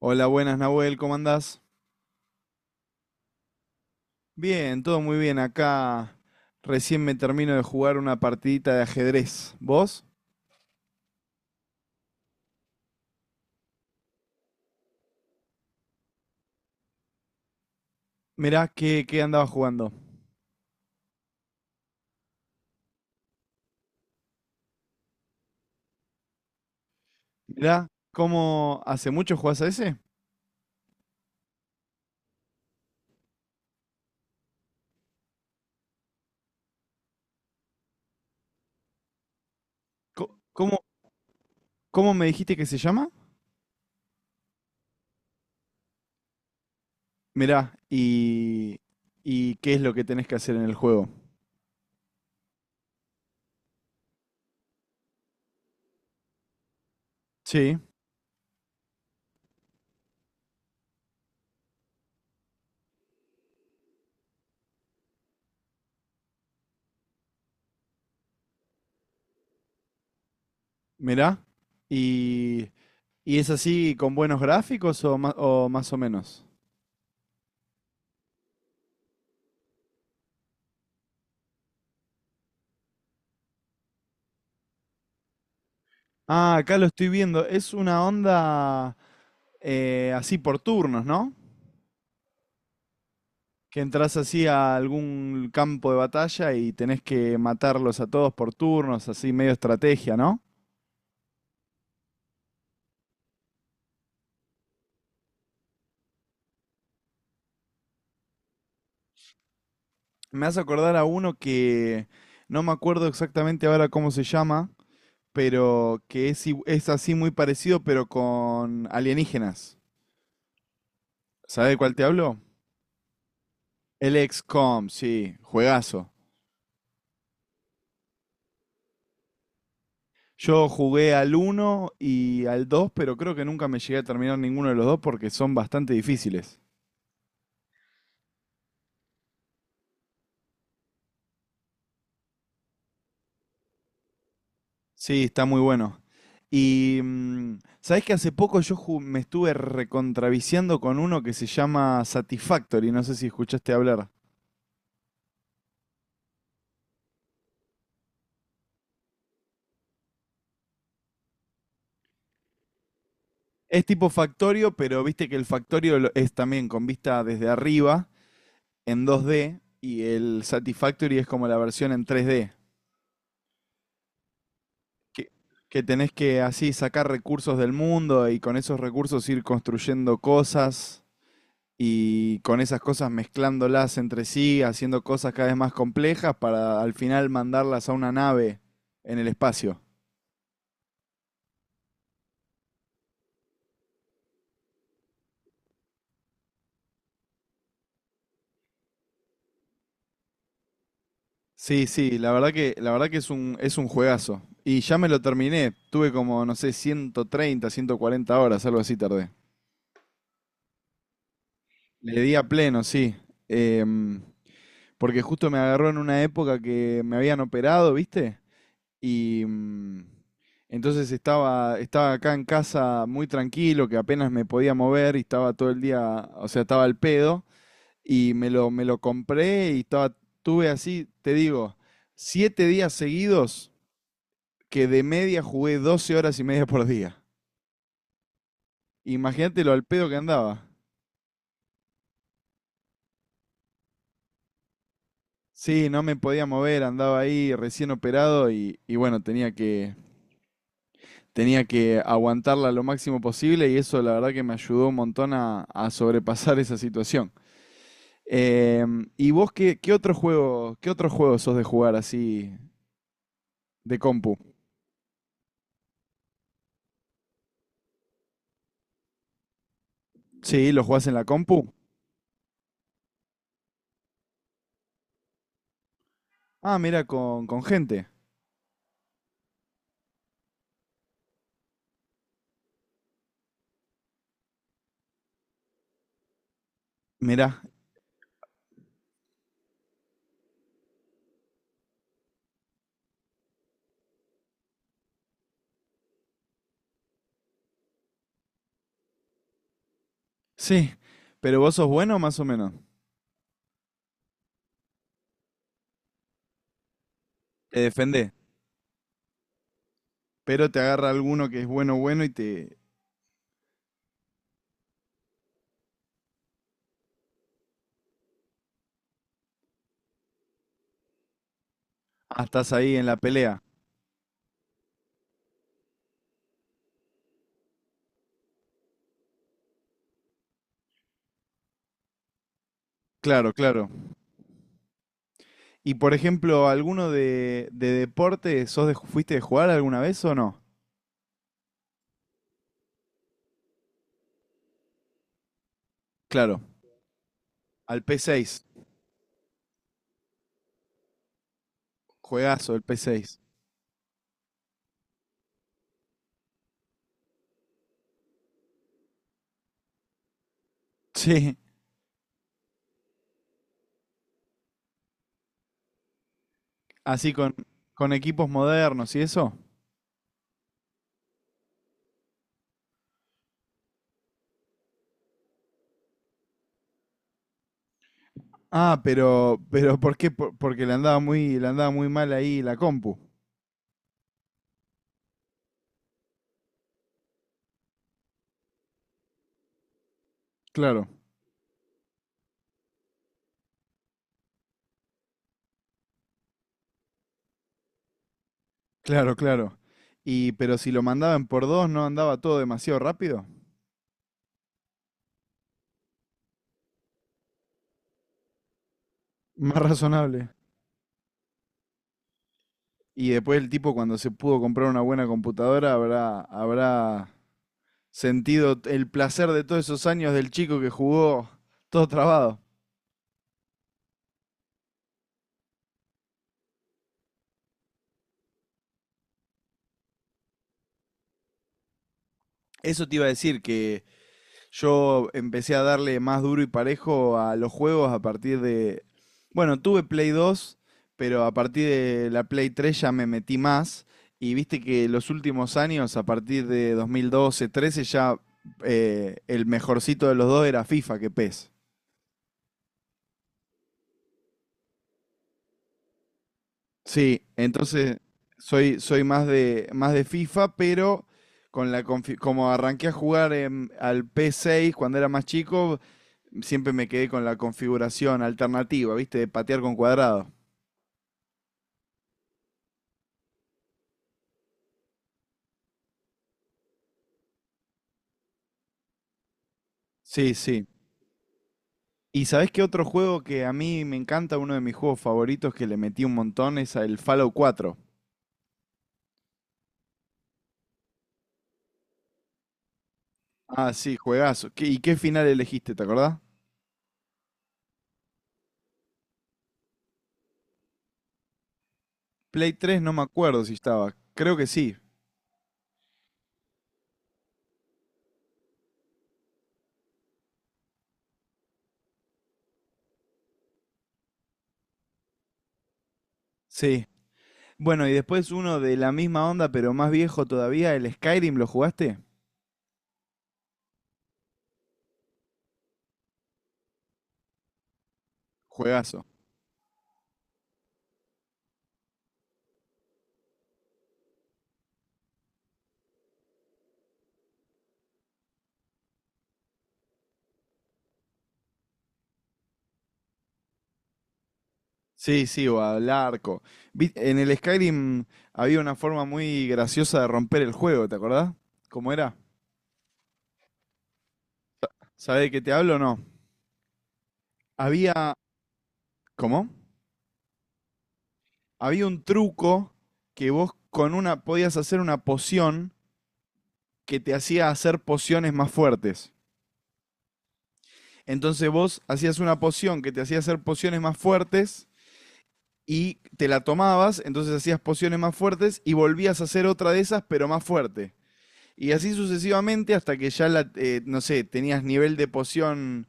Hola, buenas Nahuel, ¿cómo andás? Bien, todo muy bien. Acá recién me termino de jugar una partidita de ajedrez. ¿Vos? Mirá, ¿qué andabas jugando? Mirá, ¿cómo hace mucho jugás a ese? Co- ¿Cómo, cómo me dijiste que se llama? Mirá, y qué es lo que tenés que hacer en el juego? Sí, mirá. ¿Y, y es así con buenos gráficos o, o más o menos? Ah, acá lo estoy viendo. Es una onda así por turnos, ¿no? Que entras así a algún campo de batalla y tenés que matarlos a todos por turnos, así medio estrategia, ¿no? Me hace acordar a uno que no me acuerdo exactamente ahora cómo se llama, pero que es así muy parecido, pero con alienígenas. ¿Sabés de cuál te hablo? El XCOM, sí, juegazo. Yo jugué al uno y al 2, pero creo que nunca me llegué a terminar ninguno de los dos porque son bastante difíciles. Sí, está muy bueno. Y sabés que hace poco yo me estuve recontraviciando con uno que se llama Satisfactory, no sé si escuchaste hablar. Es tipo Factorio, pero viste que el Factorio es también con vista desde arriba en 2D y el Satisfactory es como la versión en 3D. que, que tenés que así sacar recursos del mundo y con esos recursos ir construyendo cosas y con esas cosas mezclándolas entre sí, haciendo cosas cada vez más complejas para al final mandarlas a una nave en el espacio. Sí, sí, la verdad que es un juegazo. Y ya me lo terminé, tuve como, no sé, 130 140 horas, algo así tardé. Le di a pleno, sí. Em, Porque justo me agarró en una época que me habían operado, ¿viste? Y entonces estaba acá en casa muy tranquilo, que apenas me podía mover y estaba todo el día, o sea, estaba al pedo. Y me lo compré y tuve así, te digo, 7 días seguidos que de media jugué 12 horas y media por día. Imagínate lo al pedo que andaba. Sí, no me podía mover, andaba ahí recién operado y bueno, tenía que aguantarla lo máximo posible y eso la verdad que me ayudó un montón a sobrepasar esa situación. ¿Y vos qué otro juego sos de jugar así de compu? Sí, ¿lo jugás en la compu? Ah, mira, con gente. Mirá, sí. Pero vos sos bueno más o menos. Te defendés. Pero te agarra alguno que es bueno, bueno y te... Ah, estás ahí en la pelea. Claro, claro. Y por ejemplo, ¿alguno de deporte fuiste de jugar alguna vez o no? Claro. Al P6, juegazo el P6. Sí, así con equipos modernos y eso. Ah, pero ¿por qué? Porque le andaba muy mal ahí la compu. Claro, claro, claro. Y, pero si lo mandaban por dos, ¿no andaba todo demasiado rápido? Más razonable. Y después el tipo cuando se pudo comprar una buena computadora habrá sentido el placer de todos esos años del chico que jugó todo trabado. Eso te iba a decir que yo empecé a darle más duro y parejo a los juegos a partir de... Bueno, tuve Play 2, pero a partir de la Play 3 ya me metí más. Y viste que los últimos años, a partir de 2012, 13, ya el mejorcito de los dos era FIFA que PES. Sí, entonces soy más de FIFA, pero con la como arranqué a jugar al P6 cuando era más chico, siempre me quedé con la configuración alternativa, ¿viste? De patear con cuadrado. Sí, sí. ¿Y sabés qué otro juego que a mí me encanta, uno de mis juegos favoritos que le metí un montón, es el Fallout 4? Ah, sí, juegazo. ¿Y qué final elegiste, te acordás? Play 3 no me acuerdo si estaba. Creo que sí. Sí. Bueno, y después uno de la misma onda, pero más viejo todavía, el Skyrim, ¿lo jugaste? Juegazo. Sí, sí, o al arco. En el Skyrim había una forma muy graciosa de romper el juego, ¿te acordás? ¿Cómo era? ¿Sabés de qué te hablo o no? Había... ¿Cómo? Había un truco que vos con una podías hacer una poción que te hacía hacer pociones más fuertes. Entonces vos hacías una poción que te hacía hacer pociones más fuertes y te la tomabas, entonces hacías pociones más fuertes y volvías a hacer otra de esas pero más fuerte. Y así sucesivamente hasta que ya, no sé, tenías nivel de poción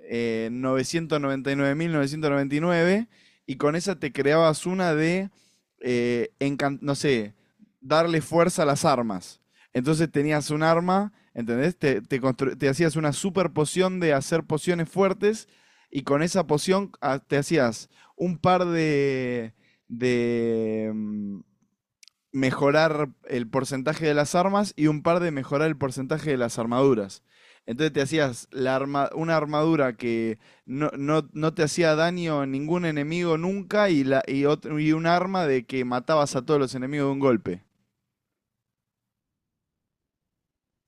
999.999 y 9.999 y con esa te creabas una de, no sé, darle fuerza a las armas. Entonces tenías un arma, ¿entendés? Te te hacías una super poción de hacer pociones fuertes y con esa poción te hacías un par de mejorar el porcentaje de las armas y un par de mejorar el porcentaje de las armaduras. Entonces te hacías la una armadura que no te hacía daño a ningún enemigo nunca y, y un arma de que matabas a todos los enemigos de un golpe.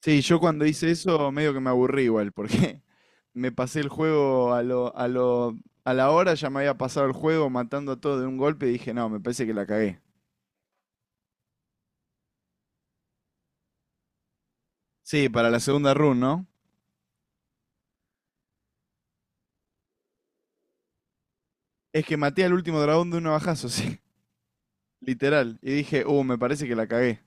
Sí, yo cuando hice eso medio que me aburrí igual, porque me pasé el juego a lo, a la hora, ya me había pasado el juego matando a todos de un golpe y dije, no, me parece que la cagué. Sí, para la segunda run, ¿no? Es que maté al último dragón de un bajazo, sí. Literal. Y dije, me parece que la cagué.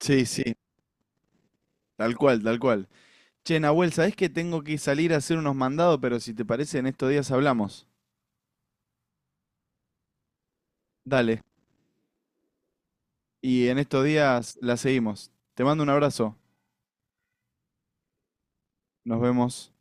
Sí, sí, tal cual, tal cual. Che, Nahuel, ¿sabés que tengo que salir a hacer unos mandados? Pero si te parece, en estos días hablamos. Dale. Y en estos días la seguimos. Te mando un abrazo. Nos vemos.